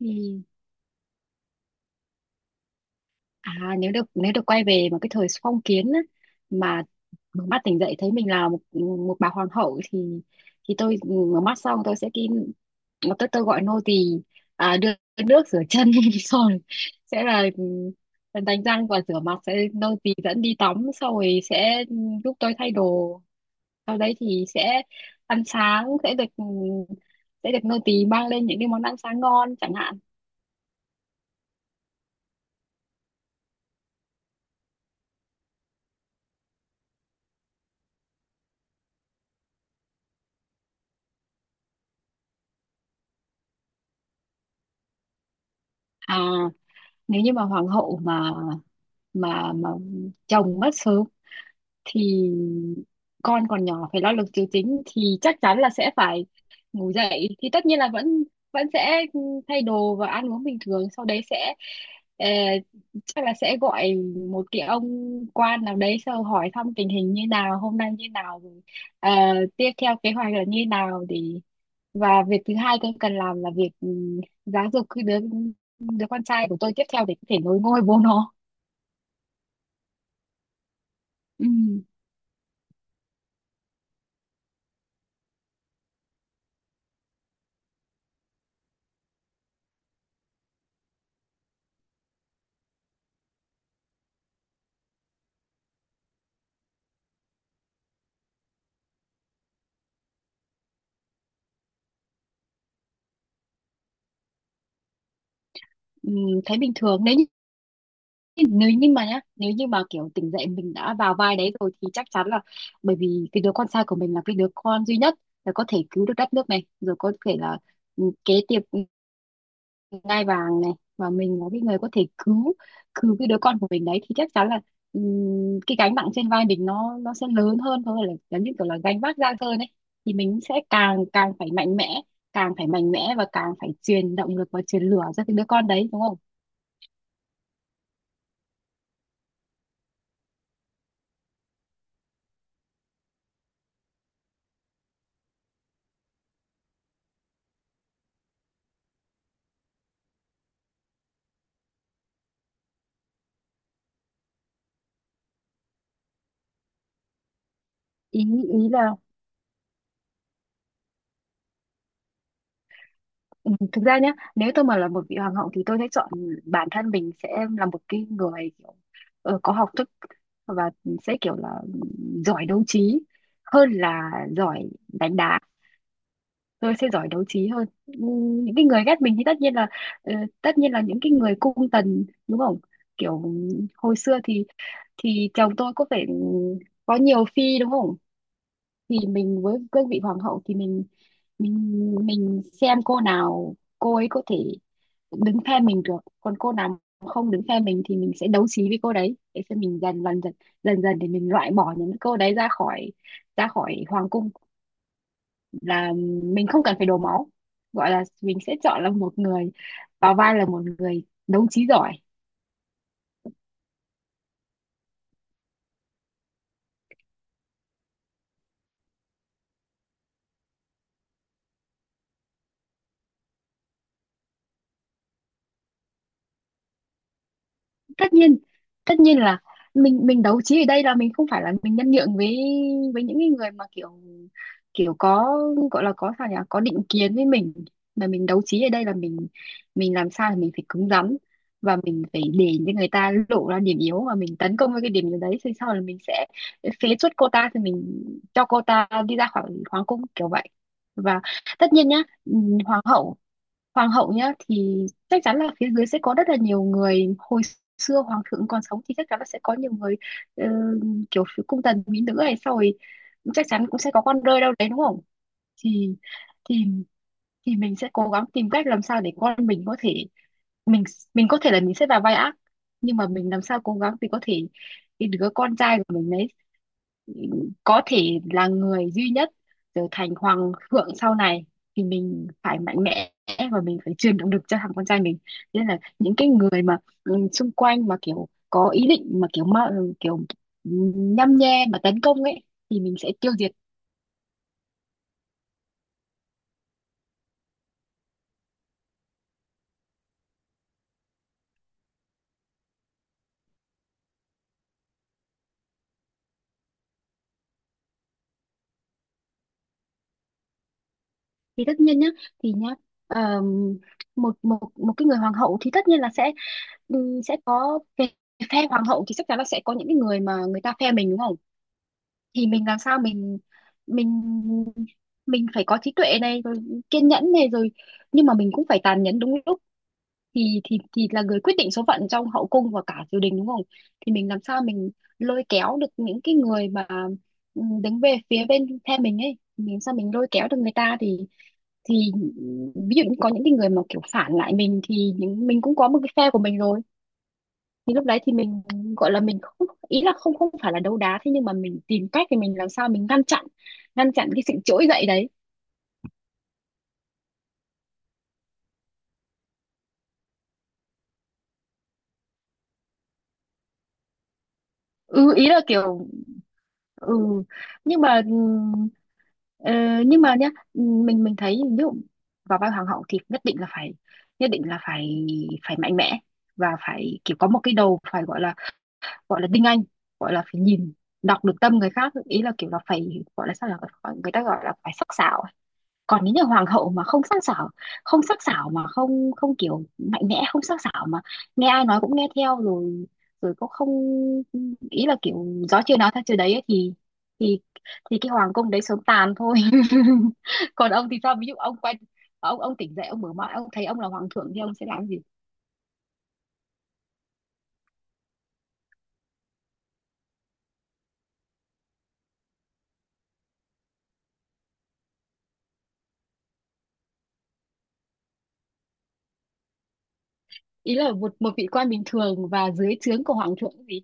Ừ. À nếu được quay về mà cái thời phong kiến á, mà mở mắt tỉnh dậy thấy mình là một một bà hoàng hậu thì tôi mở mắt xong tôi sẽ kín tôi gọi nô tỳ đưa nước rửa chân rồi sẽ là, đánh răng và rửa mặt, sẽ nô tỳ dẫn đi tắm xong rồi sẽ giúp tôi thay đồ. Sau đấy thì sẽ ăn sáng, sẽ được, sẽ được nô tỳ mang lên những cái món ăn sáng ngon chẳng hạn. À nếu như mà hoàng hậu mà mà mà chồng mất sớm thì con còn nhỏ phải lo lực triều chính thì chắc chắn là sẽ phải ngủ dậy. Thì tất nhiên là vẫn vẫn sẽ thay đồ và ăn uống bình thường, sau đấy sẽ ờ, chắc là sẽ gọi một cái ông quan nào đấy sau hỏi thăm tình hình như nào, hôm nay như nào rồi, ờ, tiếp theo kế hoạch là như nào. Để và việc thứ hai tôi cần làm là việc giáo dục cái đứa đứa con trai của tôi tiếp theo để có thể nối ngôi bố nó. Ừ. Ừ, thấy bình thường. Nếu nếu như mà nhá, nếu như mà kiểu tỉnh dậy mình đã vào vai đấy rồi thì chắc chắn là bởi vì cái đứa con trai của mình là cái đứa con duy nhất, là có thể cứu được đất nước này rồi, có thể là kế tiếp ngai vàng này. Và mình là cái người có thể cứu cứu cái đứa con của mình đấy thì chắc chắn là, cái gánh nặng trên vai mình nó sẽ lớn hơn thôi, là giống như kiểu là gánh vác nặng hơn ấy. Thì mình sẽ càng càng phải mạnh mẽ, càng phải mạnh mẽ và càng phải truyền động lực và truyền lửa cho cái đứa con đấy, đúng không? Ý ý là. Ừ, thực ra nhá, nếu tôi mà là một vị hoàng hậu thì tôi sẽ chọn bản thân mình sẽ là một cái người kiểu, có học thức, và sẽ kiểu là giỏi đấu trí hơn là giỏi đánh đá. Tôi sẽ giỏi đấu trí hơn. Ừ, những cái người ghét mình thì tất nhiên là, ờ, tất nhiên là những cái người cung tần, đúng không? Kiểu hồi xưa thì chồng tôi có phải có nhiều phi, đúng không? Thì mình với cương vị hoàng hậu thì mình xem cô nào cô ấy có thể đứng phe mình được, còn cô nào không đứng phe mình thì mình sẽ đấu trí với cô đấy để xem mình dần dần dần dần dần để mình loại bỏ những cô đấy ra khỏi hoàng cung, là mình không cần phải đổ máu. Gọi là mình sẽ chọn là một người, vào vai là một người đấu trí giỏi. Tất nhiên tất nhiên là mình đấu trí ở đây là mình không phải là mình nhân nhượng với những cái người mà kiểu kiểu có gọi là có sao nhỉ, có định kiến với mình. Mà mình đấu trí ở đây là mình làm sao là mình phải cứng rắn, và mình phải để cho người ta lộ ra điểm yếu và mình tấn công với cái điểm yếu đấy, thì sau là mình sẽ phế truất cô ta, thì mình cho cô ta đi ra khỏi hoàng cung kiểu vậy. Và tất nhiên nhá, ừ, hoàng hậu hoàng hậu nhá thì chắc chắn là phía dưới sẽ có rất là nhiều người. Hồi xưa hoàng thượng còn sống thì chắc chắn là sẽ có nhiều người, ờ, kiểu phía cung tần mỹ nữ này, sau rồi chắc chắn cũng sẽ có con rơi đâu đấy, đúng không? Thì thì mình sẽ cố gắng tìm cách làm sao để con mình có thể, mình mình có thể là mình sẽ vào vai ác, nhưng mà mình làm sao cố gắng thì có thể cái đứa con trai của mình đấy có thể là người duy nhất trở thành hoàng thượng sau này. Thì mình phải mạnh mẽ và mình phải truyền động lực cho thằng con trai mình. Thế nên là những cái người mà, xung quanh mà kiểu có ý định mà kiểu nhăm nhe mà tấn công ấy thì mình sẽ tiêu diệt. Thì tất nhiên nhá. Thì nhá ờm, một một một cái người hoàng hậu thì tất nhiên là sẽ, sẽ có về phe hoàng hậu thì chắc chắn là sẽ có những cái người mà người ta phe mình, đúng không? Thì mình làm sao mình mình phải có trí tuệ này rồi, kiên nhẫn này rồi, nhưng mà mình cũng phải tàn nhẫn đúng lúc, thì là người quyết định số phận trong hậu cung và cả triều đình, đúng không? Thì mình làm sao mình lôi kéo được những cái người mà, đứng về phía bên phe mình ấy, mình sao mình lôi kéo được người ta thì thì ví dụ như có những cái người mà kiểu phản lại mình, thì những mình cũng có một cái phe của mình rồi, thì lúc đấy thì mình gọi là mình không, ý là không không phải là đấu đá, thế nhưng mà mình tìm cách thì mình làm sao mình ngăn chặn, ngăn chặn cái sự trỗi dậy đấy. Ừ, ý là kiểu ừ nhưng mà, ờ, nhưng mà nhá, mình thấy ví dụ vào vai hoàng hậu thì nhất định là phải phải mạnh mẽ, và phải kiểu có một cái đầu phải gọi là tinh anh, gọi là phải nhìn đọc được tâm người khác. Ý là kiểu là phải gọi là sao, là người ta gọi là phải sắc sảo. Còn nếu như hoàng hậu mà không sắc sảo, không sắc sảo mà không không kiểu mạnh mẽ, không sắc sảo mà nghe ai nói cũng nghe theo, rồi rồi cũng không, ý là kiểu gió chưa nói theo chưa đấy ấy, thì thì cái hoàng cung đấy sớm tàn thôi. Còn ông thì sao, ví dụ ông quay, ông tỉnh dậy ông mở mắt ông thấy ông là hoàng thượng thì ông sẽ làm gì? Ý là một một vị quan bình thường và dưới trướng của hoàng thượng gì?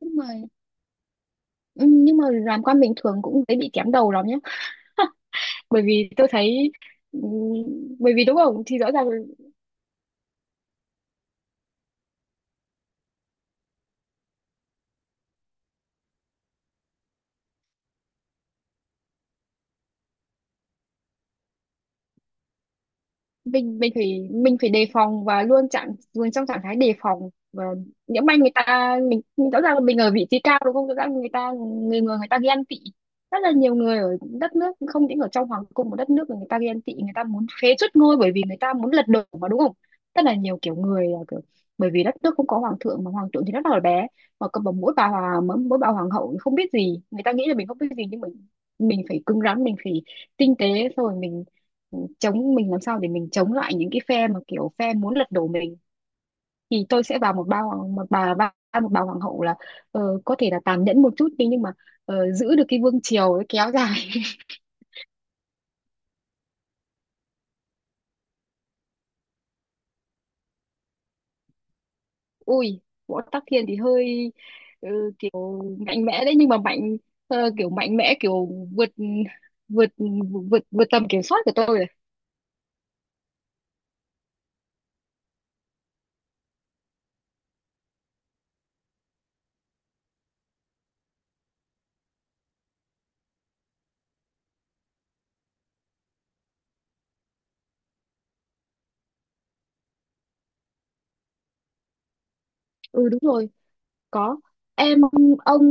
Nhưng mà, ừ, nhưng mà làm quan bình thường cũng dễ bị kém đầu lắm nhé. Bởi vì tôi thấy, ừ, bởi vì đúng không, thì rõ ràng mình phải đề phòng và luôn trong trạng thái đề phòng. Và nhỡ may người ta mình rõ ràng là mình ở vị trí cao, đúng không, rõ ràng người ta, người người người ta ghen tị. Rất là nhiều người ở đất nước, không những ở trong hoàng cung một đất nước mà người ta ghen tị, người ta muốn phế truất ngôi bởi vì người ta muốn lật đổ mà, đúng không? Rất là nhiều kiểu người là kiểu, bởi vì đất nước không có hoàng thượng mà hoàng thượng thì rất là bé, mà cầm bằng mỗi bà hoàng hậu thì không biết gì, người ta nghĩ là mình không biết gì nhưng mình phải cứng rắn, mình phải tinh tế, xong rồi mình mình làm sao để mình chống lại những cái phe mà kiểu phe muốn lật đổ mình. Thì tôi sẽ vào một ba hoàng một bà ba một bà hoàng hậu là, có thể là tàn nhẫn một chút đi, nhưng mà, giữ được cái vương triều ấy kéo dài. Ui, võ tắc thiên thì hơi, ờ, kiểu mạnh mẽ đấy, nhưng mà kiểu mạnh mẽ, kiểu vượt vượt vượt vượt tầm kiểm soát của tôi rồi. Ừ đúng rồi. Có em, ông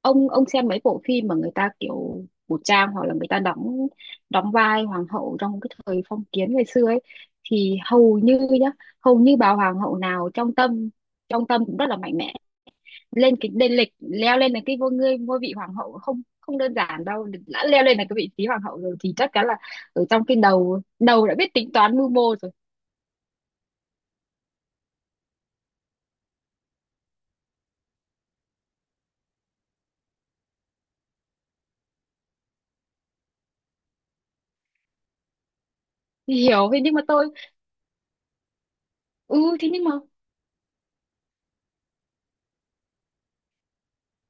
xem mấy bộ phim mà người ta kiểu cổ trang, hoặc là người ta đóng đóng vai hoàng hậu trong cái thời phong kiến ngày xưa ấy, thì hầu như nhá, hầu như bà hoàng hậu nào trong tâm, cũng rất là mạnh mẽ. Lên cái lên lịch leo lên được cái ngôi ngôi ngôi vị hoàng hậu không không đơn giản đâu. Đã leo lên được cái vị trí hoàng hậu rồi thì chắc chắn là ở trong cái đầu đầu đã biết tính toán mưu mô rồi. Thì hiểu thế nhưng mà tôi, ừ thế nhưng mà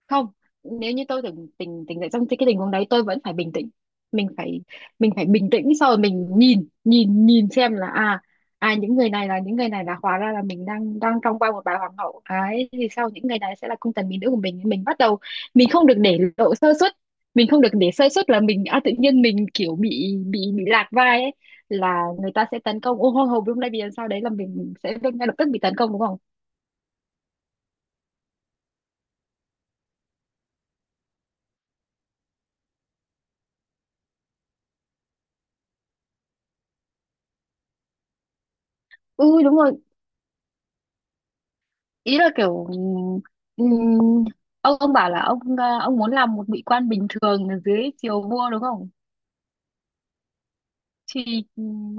không, nếu như tôi từng tình tình tỉnh dậy trong cái tình huống đấy, tôi vẫn phải bình tĩnh, mình phải, bình tĩnh. Sau rồi mình nhìn nhìn nhìn xem là à, những người này là, hóa ra là mình đang đang trong vai một bà hoàng hậu ấy, thì sau những người này sẽ là cung tần mỹ nữ của mình, bắt đầu, mình không được để lộ sơ suất, mình không được để sơ suất, là mình tự nhiên mình kiểu bị lạc vai ấy, là người ta sẽ tấn công. Ô hô hô, đúng đây, vì sao đấy là mình sẽ ngay lập tức bị tấn công, đúng không? Ừ đúng rồi. Ý là kiểu, ông bảo là ông ông muốn làm một vị quan bình thường ở dưới triều vua, đúng không? Thì,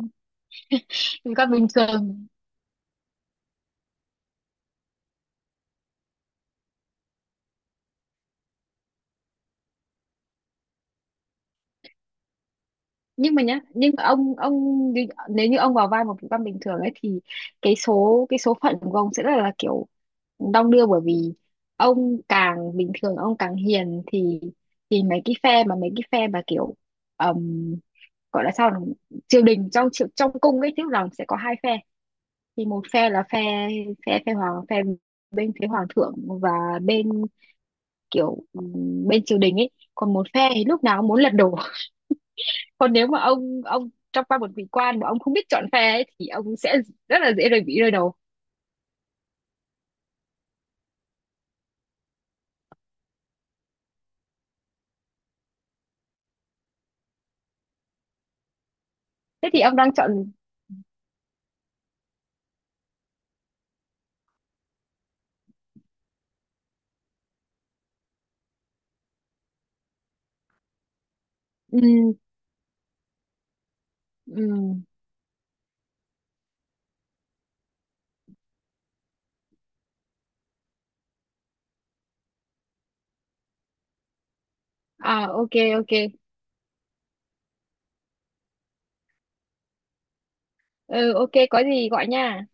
vị quan bình thường, nhưng mà nhá, nhưng mà ông nếu như ông vào vai một vị quan bình thường ấy thì cái số phận của ông sẽ rất là kiểu đong đưa. Bởi vì ông càng bình thường ông càng hiền thì mấy cái phe mà kiểu, ừm, gọi là sao nhỉ? Triều đình, trong cung ấy tức rằng sẽ có hai phe. Thì một phe là phe phe bên phía hoàng thượng, và bên, kiểu bên triều đình ấy, còn một phe thì lúc nào cũng muốn lật đổ. Còn nếu mà ông trong vai một vị quan mà ông không biết chọn phe ấy, thì ông sẽ rất là dễ bị rơi đầu. Thế thì ông đang chọn, ừm, ừm. À, ok ok. Ừ, ok có gì gọi nha.